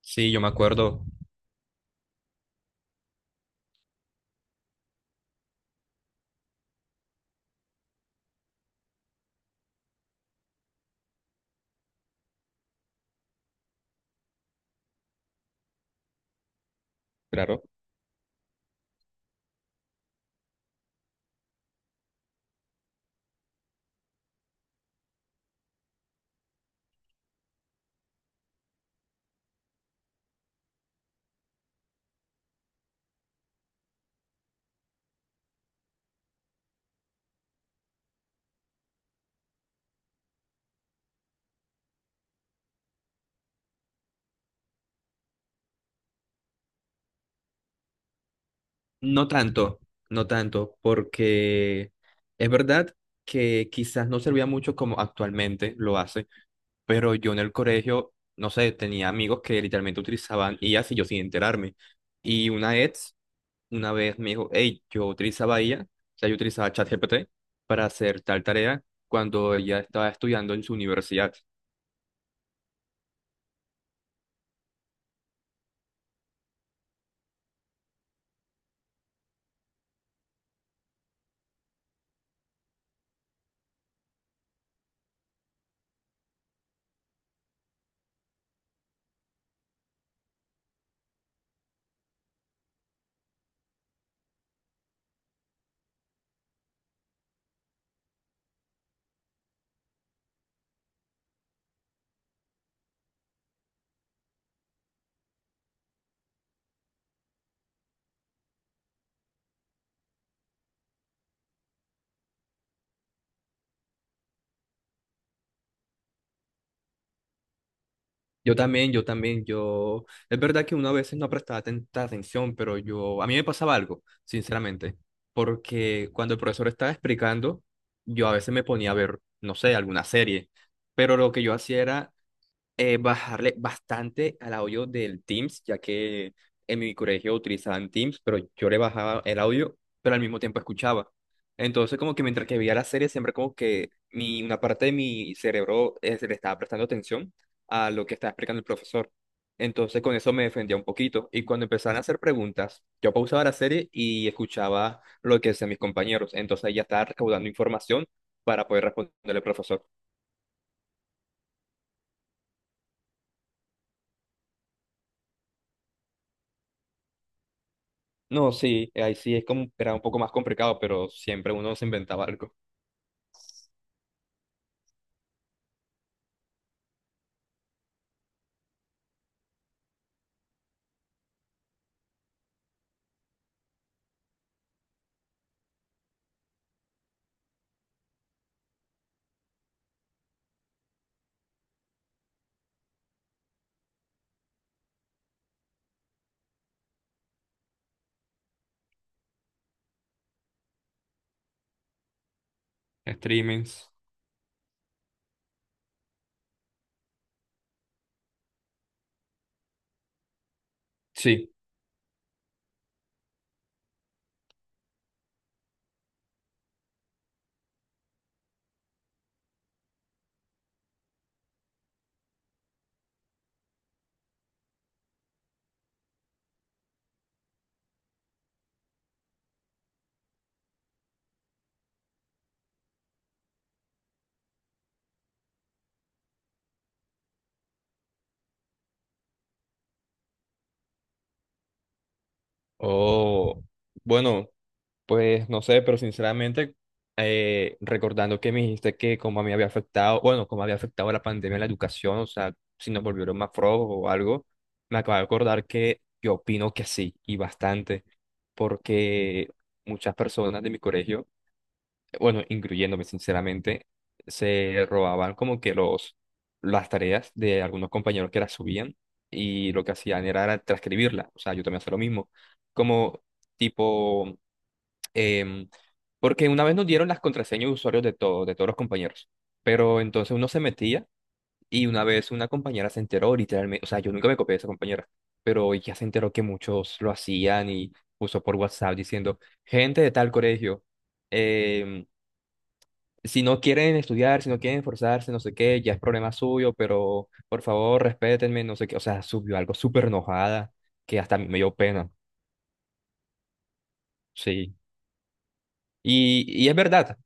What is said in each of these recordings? Sí, yo me acuerdo. Claro. No tanto, no tanto, porque es verdad que quizás no servía mucho como actualmente lo hace, pero yo en el colegio, no sé, tenía amigos que literalmente utilizaban IAs y yo sin enterarme. Y una vez me dijo, hey, yo utilizaba IA, o sea, yo utilizaba ChatGPT para hacer tal tarea cuando ella estaba estudiando en su universidad. Yo también, yo también, yo... Es verdad que una veces no prestaba tanta atención, pero yo... A mí me pasaba algo, sinceramente, porque cuando el profesor estaba explicando, yo a veces me ponía a ver, no sé, alguna serie, pero lo que yo hacía era bajarle bastante al audio del Teams, ya que en mi colegio utilizaban Teams, pero yo le bajaba el audio, pero al mismo tiempo escuchaba. Entonces, como que mientras que veía la serie, siempre como que mi, una parte de mi cerebro se le estaba prestando atención a lo que estaba explicando el profesor. Entonces, con eso me defendía un poquito. Y cuando empezaban a hacer preguntas, yo pausaba la serie y escuchaba lo que decían mis compañeros. Entonces, ahí ya estaba recaudando información para poder responderle al profesor. No, sí, ahí sí es como, era un poco más complicado, pero siempre uno se inventaba algo. Streamings, sí. O, bueno, pues no sé, pero sinceramente, recordando que me dijiste que como a mí había afectado, bueno, como había afectado la pandemia en la educación, o sea, si nos volvieron más flojos o algo, me acabo de acordar que yo opino que sí, y bastante, porque muchas personas de mi colegio, bueno, incluyéndome sinceramente, se robaban como que los, las tareas de algunos compañeros que las subían y lo que hacían era, era transcribirla. O sea, yo también hacía lo mismo. Como tipo, em, porque una vez nos dieron las contraseñas de usuarios de todos los compañeros, pero entonces uno se metía y una vez una compañera se enteró literalmente, o sea, yo nunca me copié de esa compañera, pero ella se enteró que muchos lo hacían y puso por WhatsApp diciendo, gente de tal colegio. em, si no quieren estudiar, si no quieren esforzarse, no sé qué, ya es problema suyo, pero por favor, respétenme, no sé qué. O sea, subió algo súper enojada que hasta a mí me dio pena. Sí. Y es verdad,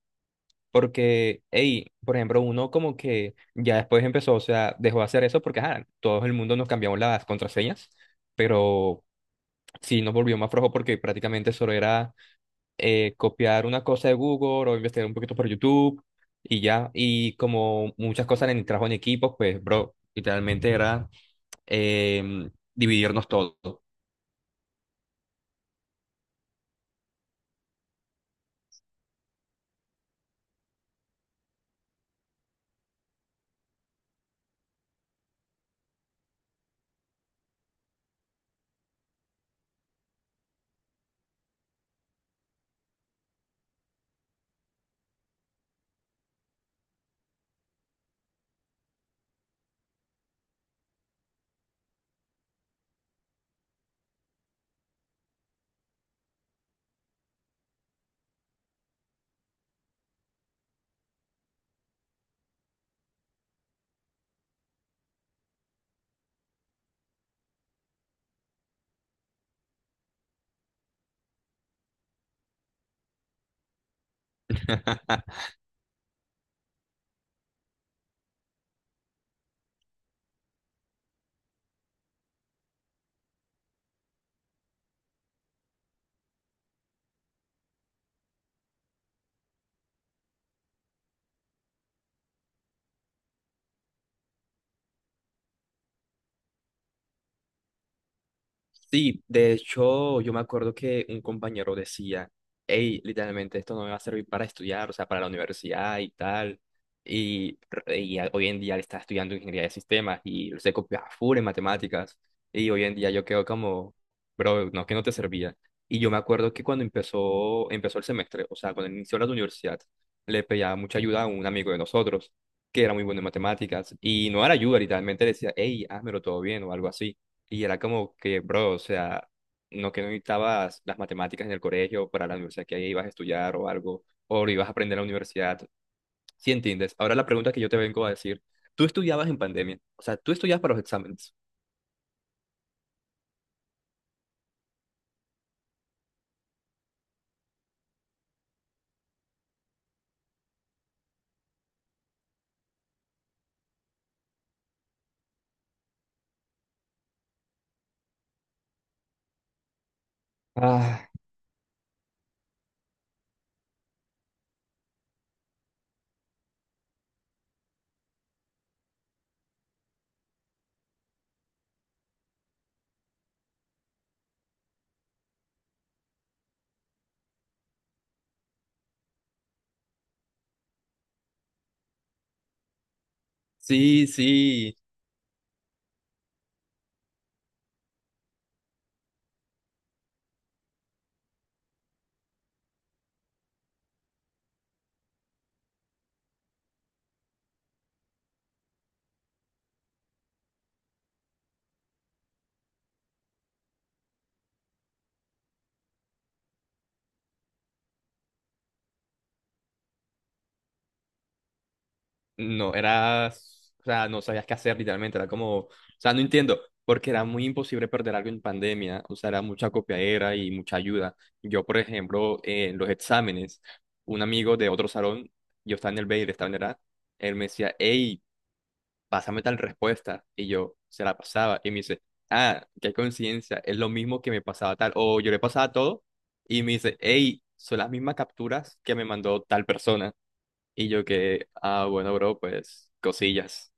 porque, hey, por ejemplo, uno como que ya después empezó, o sea, dejó de hacer eso porque, ajá, todo el mundo nos cambiamos las contraseñas, pero sí nos volvió más flojo porque prácticamente solo era copiar una cosa de Google o investigar un poquito por YouTube y ya. Y como muchas cosas en el trabajo en equipos pues, bro, literalmente era dividirnos todo. Sí, de hecho, yo me acuerdo que un compañero decía, hey, literalmente esto no me va a servir para estudiar, o sea, para la universidad y tal. Y, hoy en día él está estudiando ingeniería de sistemas y se copia full en matemáticas. Y hoy en día yo quedo como, bro, no, que no te servía. Y yo me acuerdo que cuando empezó el semestre, o sea, cuando inició la universidad, le pedía mucha ayuda a un amigo de nosotros, que era muy bueno en matemáticas. Y no era ayuda, literalmente le decía, hey, házmelo todo bien o algo así. Y era como que, bro, o sea, no que no necesitabas las matemáticas en el colegio para la universidad que ibas a estudiar o algo, o lo ibas a aprender en la universidad. ¿Sí entiendes? Ahora la pregunta que yo te vengo a decir, tú estudiabas en pandemia, o sea, tú estudiabas para los exámenes. Ah. Sí, sí. No era, o sea, no sabías qué hacer literalmente, era como, o sea, no entiendo, porque era muy imposible perder algo en pandemia, o sea, era mucha copiadera y mucha ayuda. Yo, por ejemplo, en los exámenes, un amigo de otro salón, yo estaba en el B y él estaba en el A, él me decía, hey, pásame tal respuesta, y yo se la pasaba, y me dice, ah, qué coincidencia, es lo mismo que me pasaba tal, o yo le pasaba todo, y me dice, hey, son las mismas capturas que me mandó tal persona. Y yo que, ah, bueno, bro, pues cosillas.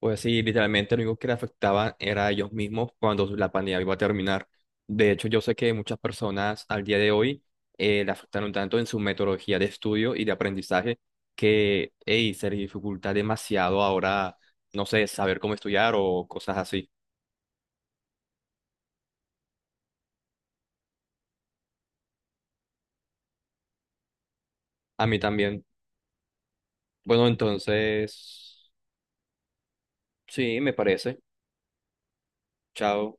Pues sí, literalmente lo único que le afectaba era a ellos mismos cuando la pandemia iba a terminar. De hecho, yo sé que muchas personas al día de hoy le afectaron tanto en su metodología de estudio y de aprendizaje que, hey, se les dificulta demasiado ahora, no sé, saber cómo estudiar o cosas así. A mí también. Bueno, entonces, sí, me parece. Chao.